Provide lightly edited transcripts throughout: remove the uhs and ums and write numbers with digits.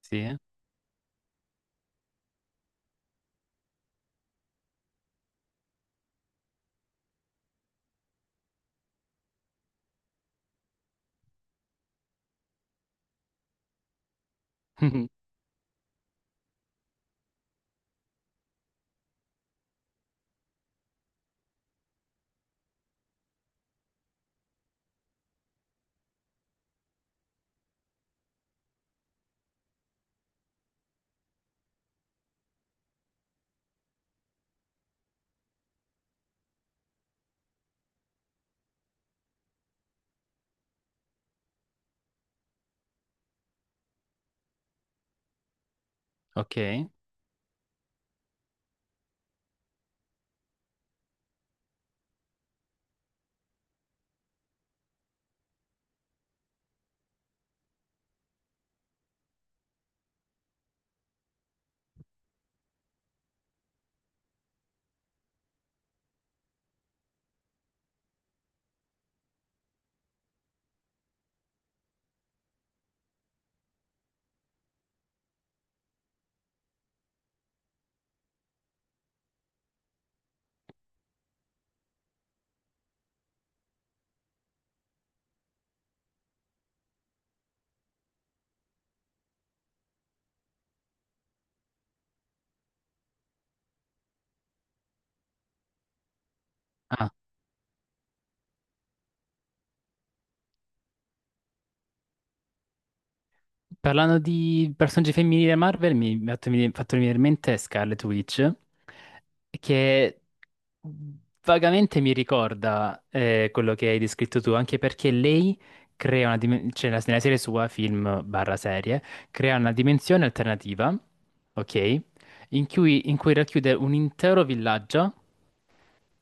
Sì? Ok. Ah, parlando di personaggi femminili da Marvel, mi ha fatto venire in mente Scarlet Witch, che vagamente mi ricorda quello che hai descritto tu, anche perché lei crea una dimensione, cioè nella nella serie sua, film barra serie, crea una dimensione alternativa, ok? In cui racchiude un intero villaggio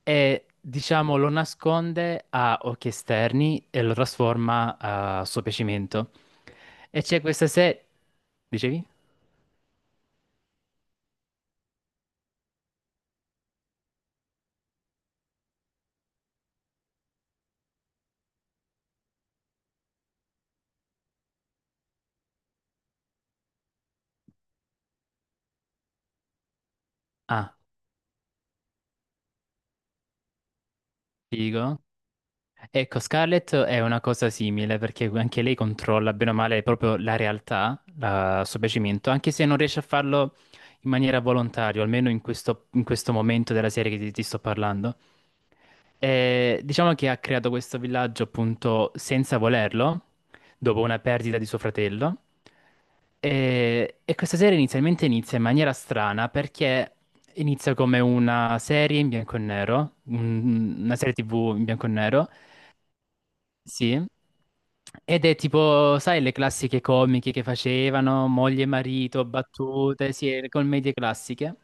e diciamo lo nasconde a occhi esterni e lo trasforma a suo piacimento. E c'è questa serie... Dicevi? Ah, figo. Ecco, Scarlett è una cosa simile perché anche lei controlla bene o male proprio la realtà, la- il suo piacimento, anche se non riesce a farlo in maniera volontaria, almeno in questo momento della serie che ti sto parlando. E diciamo che ha creato questo villaggio appunto senza volerlo, dopo una perdita di suo fratello. E questa serie inizialmente inizia in maniera strana perché inizia come una serie in bianco e nero, un- una serie TV in bianco e nero. Sì. Ed è tipo, sai, le classiche comiche che facevano, moglie e marito, battute, sì, le commedie classiche.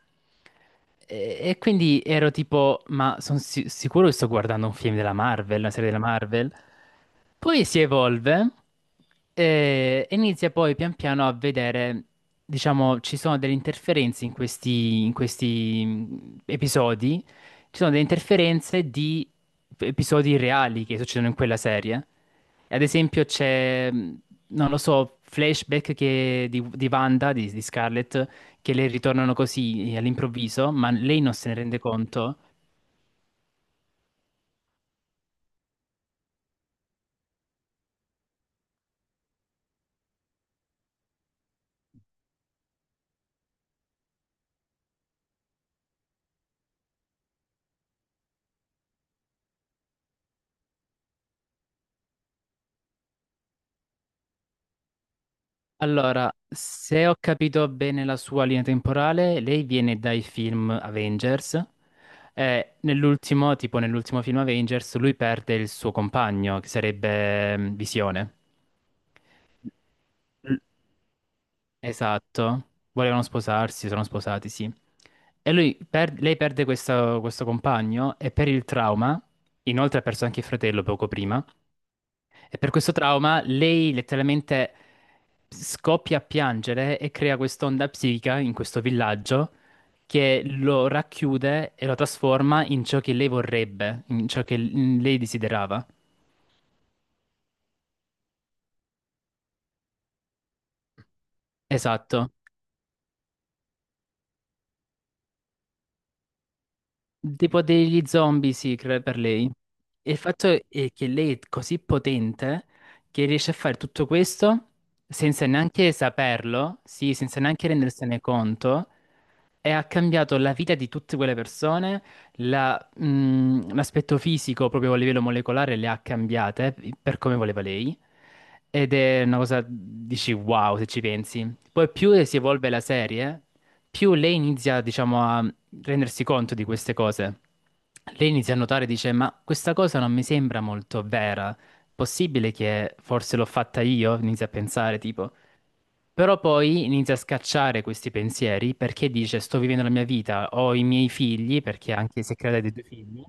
E quindi ero tipo, ma sono sicuro che sto guardando un film della Marvel, una serie della Marvel. Poi si evolve e inizia poi pian piano a vedere, diciamo, ci sono delle interferenze in questi episodi, ci sono delle interferenze di episodi reali che succedono in quella serie. Ad esempio c'è, non lo so, flashback che- di Wanda, di Scarlett, che le ritornano così all'improvviso, ma lei non se ne rende conto. Allora, se ho capito bene la sua linea temporale, lei viene dai film Avengers. Nell'ultimo, tipo nell'ultimo film Avengers, lui perde il suo compagno, che sarebbe Visione. L- Esatto. Volevano sposarsi, sono sposati, sì. E lui per- lei perde questo, questo compagno e per il trauma, inoltre ha perso anche il fratello poco prima, e per questo trauma lei letteralmente scoppia a piangere e crea quest'onda psichica in questo villaggio che lo racchiude e lo trasforma in ciò che lei vorrebbe, in ciò che l- lei desiderava. Esatto. Tipo degli zombie, sì, cre- per lei. E il fatto è che lei è così potente che riesce a fare tutto questo senza neanche saperlo, sì, senza neanche rendersene conto e ha cambiato la vita di tutte quelle persone, la- l'aspetto fisico proprio a livello molecolare le ha cambiate per come voleva lei. Ed è una cosa, dici wow, se ci pensi. Poi più si evolve la serie, più lei inizia, diciamo, a rendersi conto di queste cose. Lei inizia a notare, dice, ma questa cosa non mi sembra molto vera. Possibile che forse l'ho fatta io? Inizia a pensare, tipo. Però poi inizia a scacciare questi pensieri perché dice sto vivendo la mia vita, ho i miei figli, perché anche se crea dei due figli,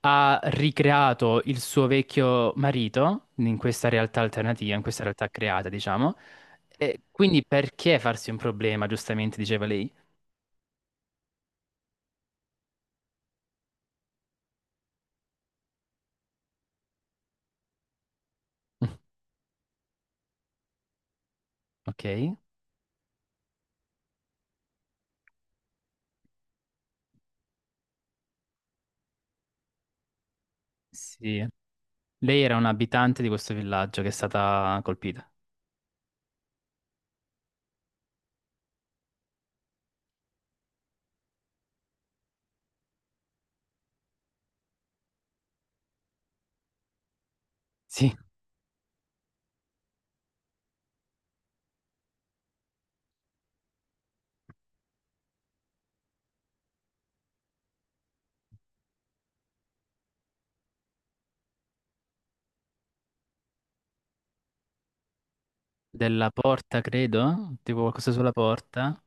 ha ricreato il suo vecchio marito in questa realtà alternativa, in questa realtà creata, diciamo. E quindi perché farsi un problema, giustamente diceva lei. Ok, sì. Lei era un'abitante di questo villaggio che è stata colpita. Sì, della porta, credo, tipo qualcosa sulla porta.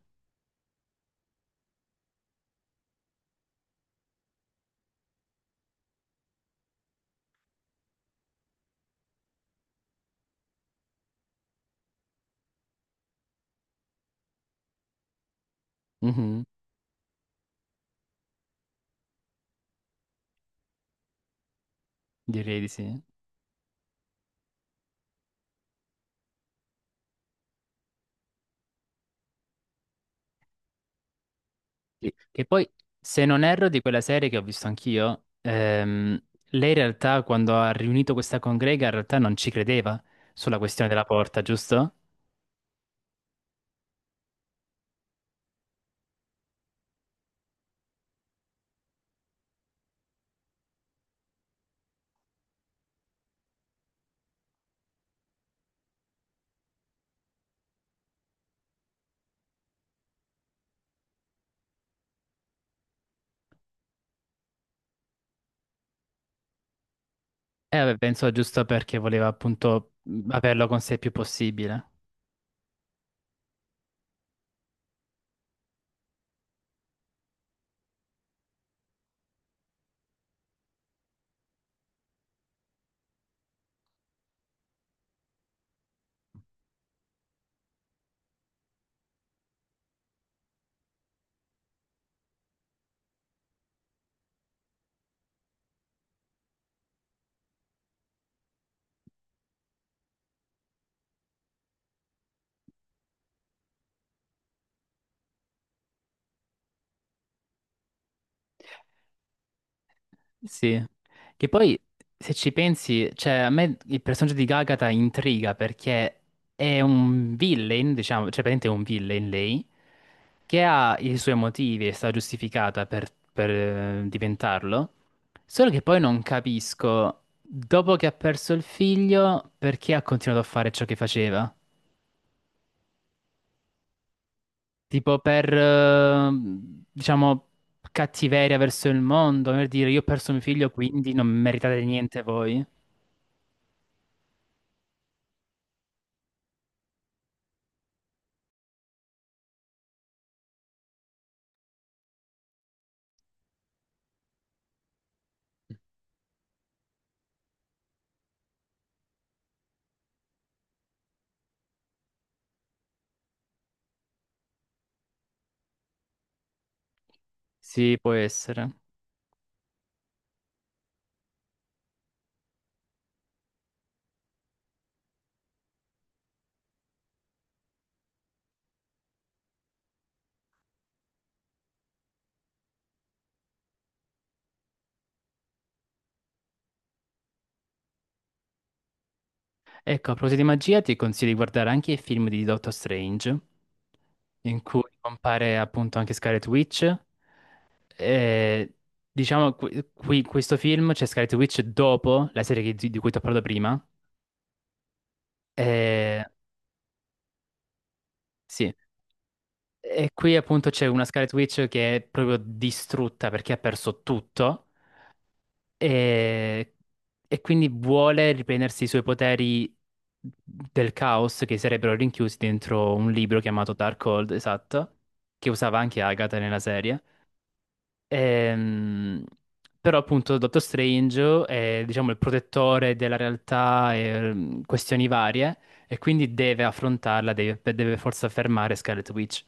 Mhm, direi di sì. Sì, che poi, se non erro, di quella serie che ho visto anch'io, lei in realtà quando ha riunito questa congrega in realtà non ci credeva sulla questione della porta, giusto? Vabbè, penso giusto perché voleva appunto averlo con sé il più possibile. Sì, che poi se ci pensi, cioè a me il personaggio di Gagata intriga perché è un villain, diciamo, cioè praticamente è un villain lei, che ha i suoi motivi e sta giustificata per, diventarlo, solo che poi non capisco, dopo che ha perso il figlio, perché ha continuato a fare ciò che faceva? Tipo per, diciamo, cattiveria verso il mondo, per dire io ho perso mio figlio, quindi non meritate niente voi. Sì, può essere. Ecco, a proposito di magia, ti consiglio di guardare anche i film di Doctor Strange, in cui compare appunto anche Scarlet Witch. E, diciamo, qui, qui- questo film c'è Scarlet Witch dopo la serie che- di cui ti ho parlato prima. E, sì. E qui appunto c'è una Scarlet Witch che è proprio distrutta perché ha perso tutto. E, e quindi vuole riprendersi i suoi poteri del caos che sarebbero rinchiusi dentro un libro chiamato Dark Hold, esatto, che usava anche Agatha nella serie. Ehm, però appunto Dottor Strange è diciamo il protettore della realtà e questioni varie e quindi deve affrontarla, deve, deve forse fermare Scarlet Witch.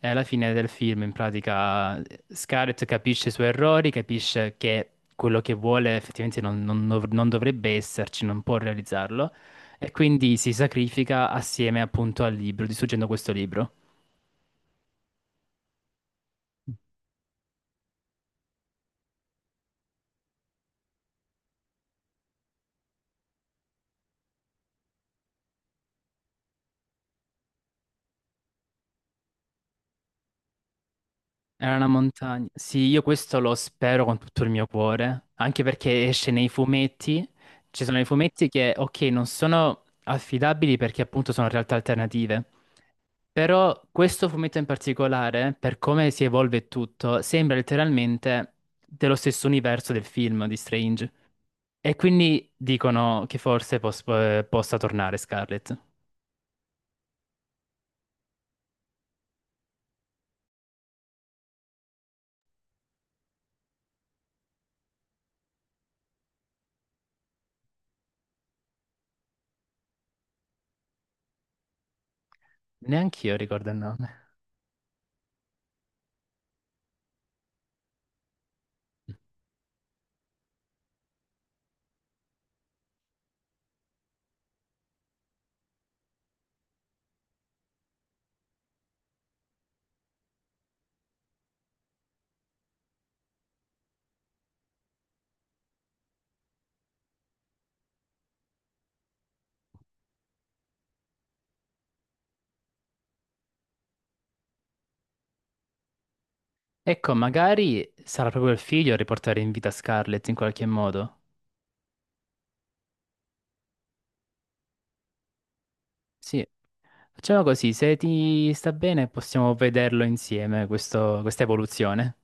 È alla fine del film, in pratica, Scarlett capisce i suoi errori, capisce che quello che vuole effettivamente non, non dov- non dovrebbe esserci, non può realizzarlo, e quindi si sacrifica assieme appunto al libro, distruggendo questo libro. Era una montagna. Sì, io questo lo spero con tutto il mio cuore, anche perché esce nei fumetti. Ci sono i fumetti che, ok, non sono affidabili perché appunto sono realtà alternative. Però questo fumetto in particolare, per come si evolve tutto, sembra letteralmente dello stesso universo del film di Strange. E quindi dicono che forse pos- possa tornare Scarlet. Neanch'io ricordo il nome. Ecco, magari sarà proprio il figlio a riportare in vita Scarlet in qualche modo. Sì, facciamo così, se ti sta bene possiamo vederlo insieme, questo- questa evoluzione.